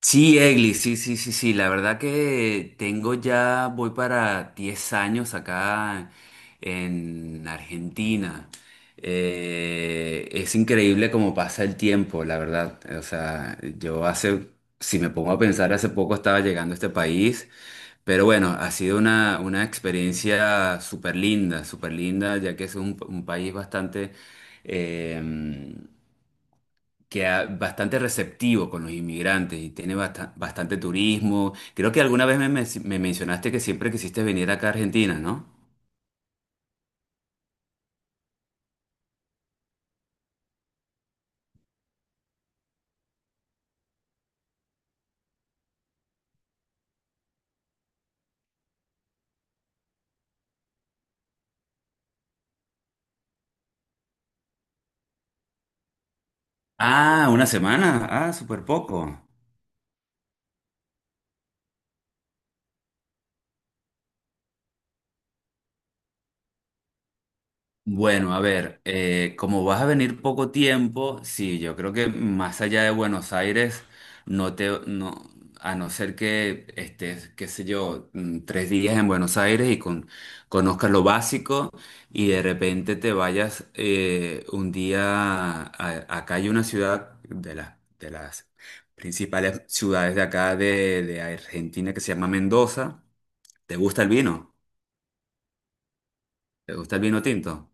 Sí, Egli, sí, sí, sí, sí. La verdad que tengo ya, voy para 10 años acá en Argentina. Es increíble cómo pasa el tiempo, la verdad. O sea, yo hace, si me pongo a pensar, hace poco estaba llegando a este país. Pero bueno, ha sido una experiencia súper linda, ya que es un país bastante... em, bastante receptivo con los inmigrantes y tiene bastante turismo. Creo que alguna vez me mencionaste que siempre quisiste venir acá a Argentina, ¿no? Ah, una semana. Ah, súper poco. Bueno, a ver, como vas a venir poco tiempo, sí, yo creo que más allá de Buenos Aires, no, a no ser que estés, qué sé yo, 3 días en Buenos Aires y conozcas lo básico y de repente te vayas un día, acá hay una ciudad de las principales ciudades de acá de Argentina que se llama Mendoza. ¿Te gusta el vino? ¿Te gusta el vino tinto?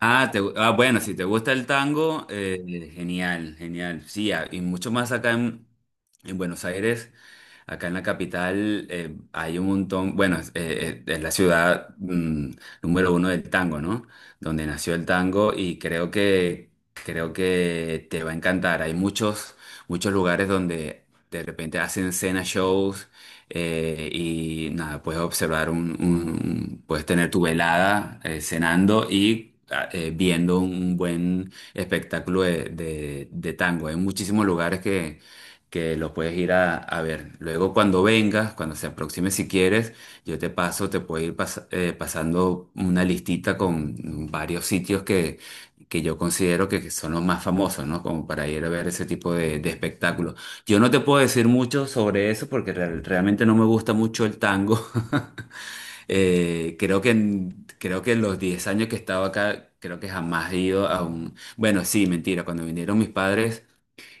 Ah, ah, bueno, si te gusta el tango, genial, genial. Sí, ah, y mucho más acá en Buenos Aires, acá en la capital, hay un montón, bueno, es la ciudad número uno del tango, ¿no? Donde nació el tango y creo que te va a encantar. Hay muchos lugares donde de repente hacen cena shows y nada, puedes observar puedes tener tu velada cenando y viendo un buen espectáculo de tango. Hay muchísimos lugares que los puedes ir a ver. Luego cuando vengas, cuando se aproxime si quieres, yo te paso, te puedo ir pas- pasando una listita con varios sitios que yo considero que son los más famosos, ¿no? Como para ir a ver ese tipo de espectáculos. Yo no te puedo decir mucho sobre eso porque realmente no me gusta mucho el tango. Creo que en los 10 años que he estado acá, creo que jamás he ido a un... Bueno, sí, mentira, cuando vinieron mis padres,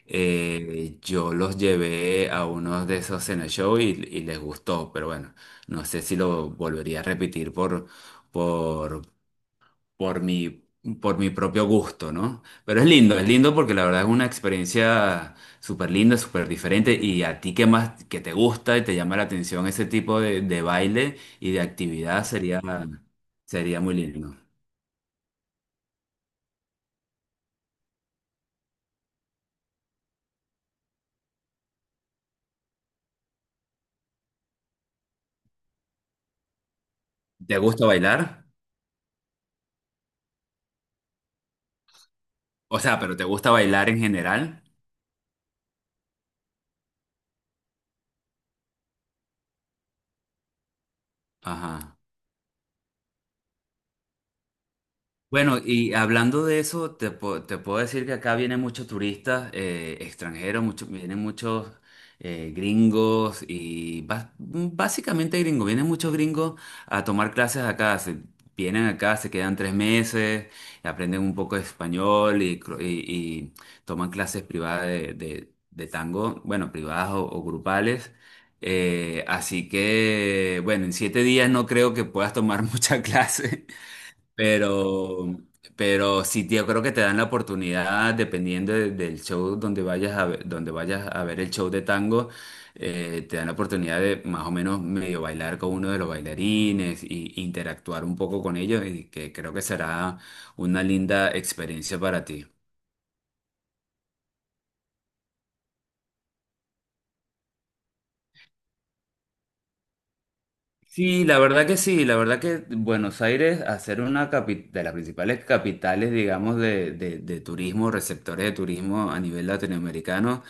yo los llevé a unos de esos cena show y les gustó, pero bueno, no sé si lo volvería a repetir por, por mi, por mi propio gusto, ¿no? Pero es lindo porque la verdad es una experiencia súper linda, súper diferente y a ti que más, que te gusta y te llama la atención ese tipo de baile y de actividad sería muy lindo. ¿Te gusta bailar? O sea, pero ¿te gusta bailar en general? Ajá. Bueno, y hablando de eso, te puedo decir que acá vienen muchos turistas extranjeros, vienen muchos gringos y básicamente gringos, vienen muchos gringos a tomar clases acá. Vienen acá, se quedan 3 meses, aprenden un poco de español y toman clases privadas de tango, bueno, privadas o grupales. Así que, bueno, en 7 días no creo que puedas tomar mucha clase. Pero, pero sí, tío, creo que te dan la oportunidad, dependiendo del show donde vayas a ver, donde vayas a ver el show de tango, te dan la oportunidad de más o menos medio bailar con uno de los bailarines y interactuar un poco con ellos, y que creo que será una linda experiencia para ti. Sí, la verdad que sí, la verdad que Buenos Aires, a ser una de las principales capitales, digamos, de turismo, receptores de turismo a nivel latinoamericano,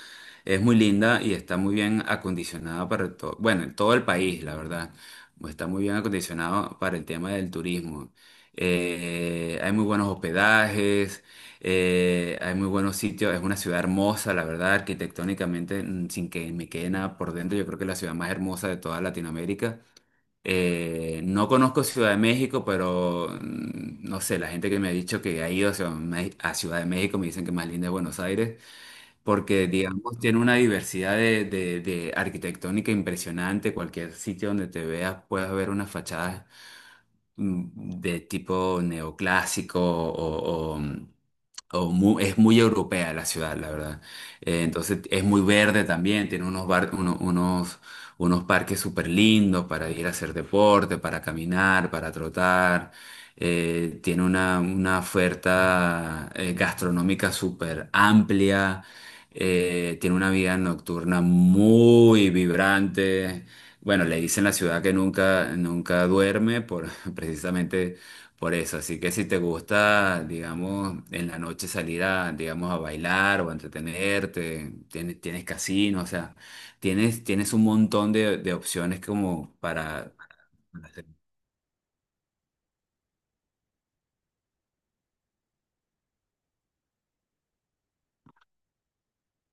es muy linda y está muy bien acondicionada para todo, bueno, todo el país, la verdad, está muy bien acondicionado para el tema del turismo. Hay muy buenos hospedajes, hay muy buenos sitios, es una ciudad hermosa, la verdad, arquitectónicamente, sin que me quede nada por dentro, yo creo que es la ciudad más hermosa de toda Latinoamérica. No conozco Ciudad de México, pero no sé, la gente que me ha dicho que ha ido a a Ciudad de México me dicen que más linda es Buenos Aires, porque digamos tiene una diversidad de arquitectónica impresionante, cualquier sitio donde te veas puedes ver unas fachadas de tipo neoclásico es muy europea la ciudad, la verdad. Entonces es muy verde también, tiene unos, bar- uno- unos, unos parques súper lindos para ir a hacer deporte, para caminar, para trotar. Tiene una oferta gastronómica súper amplia. Tiene una vida nocturna muy vibrante. Bueno, le dicen la ciudad que nunca, nunca duerme precisamente por eso. Así que si te gusta, digamos, en la noche salir a, digamos, a bailar o a entretenerte, tienes casino, o sea, tienes un montón de opciones como para hacer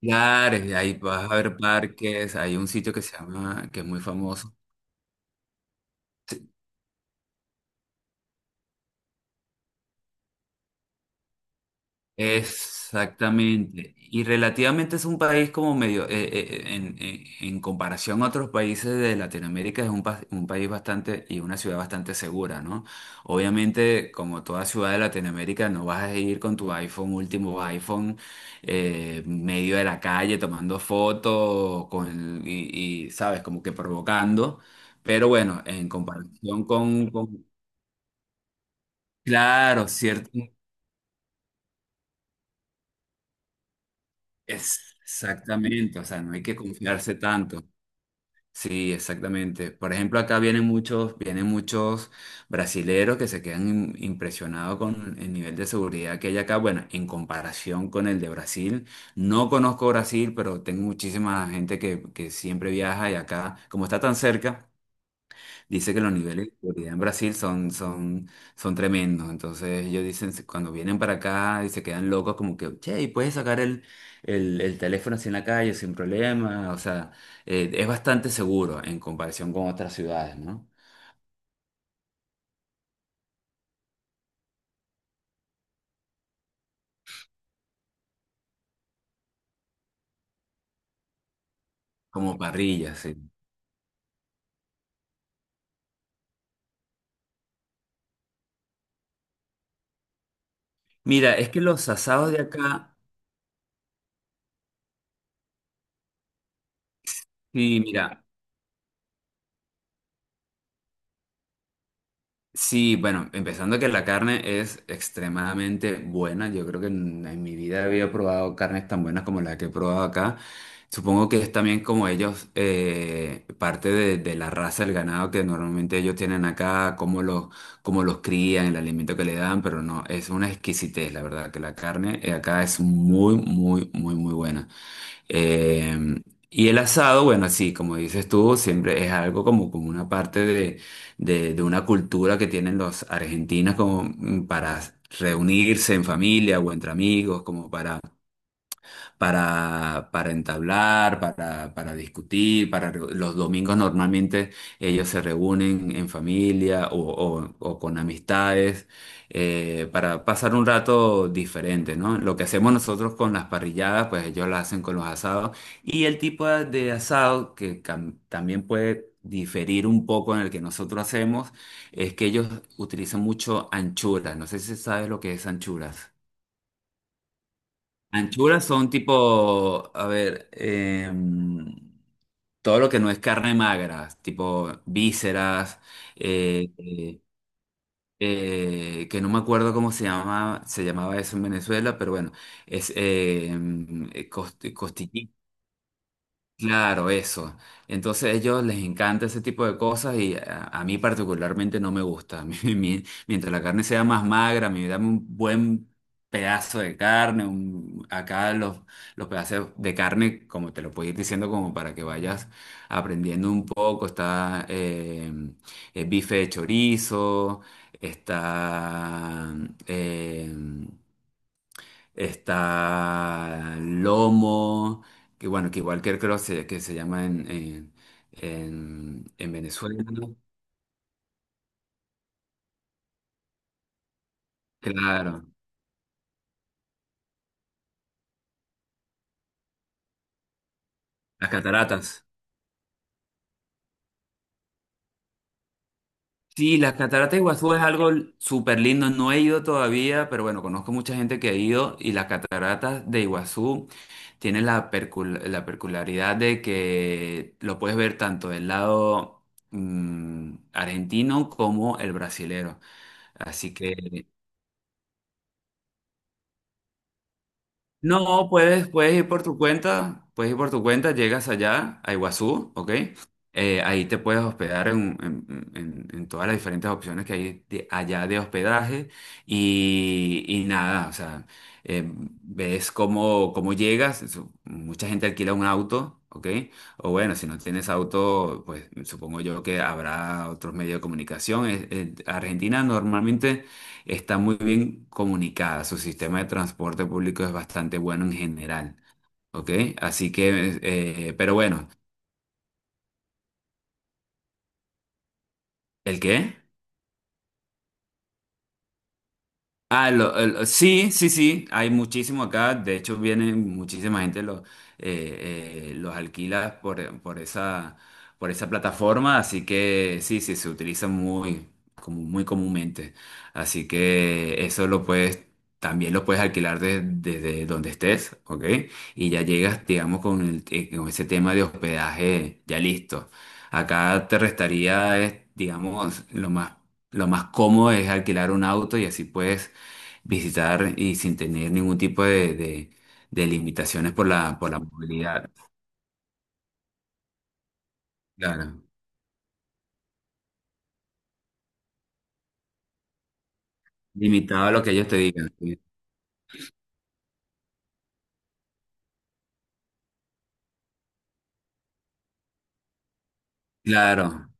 lugares. Ahí vas a ver parques, hay un sitio que se llama, que es muy famoso. Exactamente. Y relativamente es un país como medio, en comparación a otros países de Latinoamérica, es un país bastante y una ciudad bastante segura, ¿no? Obviamente, como toda ciudad de Latinoamérica, no vas a ir con tu iPhone, último iPhone, medio de la calle tomando fotos con, ¿sabes? Como que provocando. Pero bueno, en comparación con claro, cierto. Exactamente, o sea, no hay que confiarse tanto. Sí, exactamente. Por ejemplo, acá vienen vienen muchos brasileros que se quedan impresionados con el nivel de seguridad que hay acá. Bueno, en comparación con el de Brasil, no conozco Brasil, pero tengo muchísima gente que siempre viaja y acá, como está tan cerca. Dice que los niveles de seguridad en Brasil son tremendos. Entonces ellos dicen, cuando vienen para acá y se quedan locos, como que, che, y puedes sacar el teléfono así en la calle sin problema. O sea, es bastante seguro en comparación con otras ciudades, ¿no? Como parrillas, sí. Mira, es que los asados de acá, sí, mira. Sí, bueno, empezando que la carne es extremadamente buena. Yo creo que en mi vida había probado carnes tan buenas como la que he probado acá. Supongo que es también como ellos, parte de la raza del ganado que normalmente ellos tienen acá, cómo los crían, el alimento que le dan, pero no, es una exquisitez, la verdad, que la carne acá es muy, muy, muy, muy buena. Eh, y el asado, bueno, sí, como dices tú, siempre es algo como, como una parte de una cultura que tienen los argentinos como para reunirse en familia o entre amigos, como para entablar, para discutir, los domingos normalmente ellos se reúnen en familia o con amistades para pasar un rato diferente, ¿no? Lo que hacemos nosotros con las parrilladas, pues ellos las hacen con los asados y el tipo de asado que también puede diferir un poco en el que nosotros hacemos es que ellos utilizan mucho anchuras. No sé si sabes lo que es anchuras. Anchuras son tipo, a ver, todo lo que no es carne magra, tipo vísceras, eh, eh, que no me acuerdo cómo se llama, se llamaba eso en Venezuela, pero bueno, es claro, eso. Entonces a ellos les encanta ese tipo de cosas y a mí particularmente no me gusta. Mientras la carne sea más magra, me dame un buen pedazo de carne, acá los pedazos de carne, como te lo puedo ir diciendo, como para que vayas aprendiendo un poco, está el bife de chorizo, está... eh, está lomo, que bueno, que igual que creo que se llama en Venezuela. ¿No? Claro, las cataratas. Sí, las cataratas de Iguazú es algo súper lindo. No he ido todavía, pero bueno, conozco mucha gente que ha ido y las cataratas de Iguazú tienen la peculiaridad de que lo puedes ver tanto del lado argentino como el brasilero. Así que no, puedes ir por tu cuenta, puedes ir por tu cuenta, llegas allá a Iguazú, ¿ok? Ahí te puedes hospedar en todas las diferentes opciones que hay allá de hospedaje y nada, o sea, eh, ves cómo llegas, mucha gente alquila un auto, ¿ok? O bueno, si no tienes auto, pues supongo yo que habrá otros medios de comunicación. Argentina normalmente está muy bien comunicada. Su sistema de transporte público es bastante bueno en general, ¿ok? Así que, pero bueno, ¿el qué? Ah, sí, sí, sí, hay muchísimo acá. De hecho, viene muchísima gente, los alquila por por esa plataforma. Así que sí, sí, se utiliza muy, como muy comúnmente. Así que eso lo puedes, también lo puedes alquilar desde donde estés, ¿ok? Y ya llegas, digamos, con ese tema de hospedaje ya listo. Acá te restaría, digamos, lo más cómodo es alquilar un auto y así puedes visitar y sin tener ningún tipo de limitaciones por por la movilidad. Claro. Limitado a lo que ellos te digan. Sí. Claro.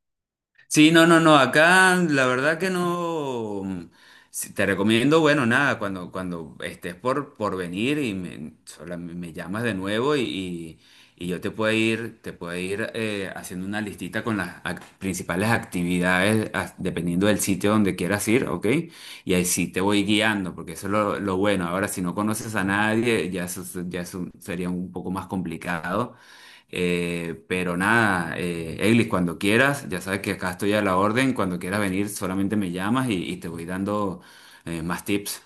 Sí, no, no, no, acá la verdad que no. Sí, te recomiendo, bueno, nada, cuando estés por venir y me llamas de nuevo y y yo te puedo ir haciendo una listita con las principales actividades dependiendo del sitio donde quieras ir, ¿ok? Y ahí sí te voy guiando, porque eso es lo bueno. Ahora, si no conoces a nadie, ya, ya eso sería un poco más complicado. Pero nada, Eglis, cuando quieras, ya sabes que acá estoy a la orden, cuando quieras venir solamente me llamas y te voy dando más tips.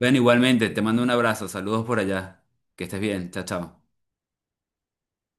Bueno, igualmente, te mando un abrazo, saludos por allá, que estés bien, chao, chao.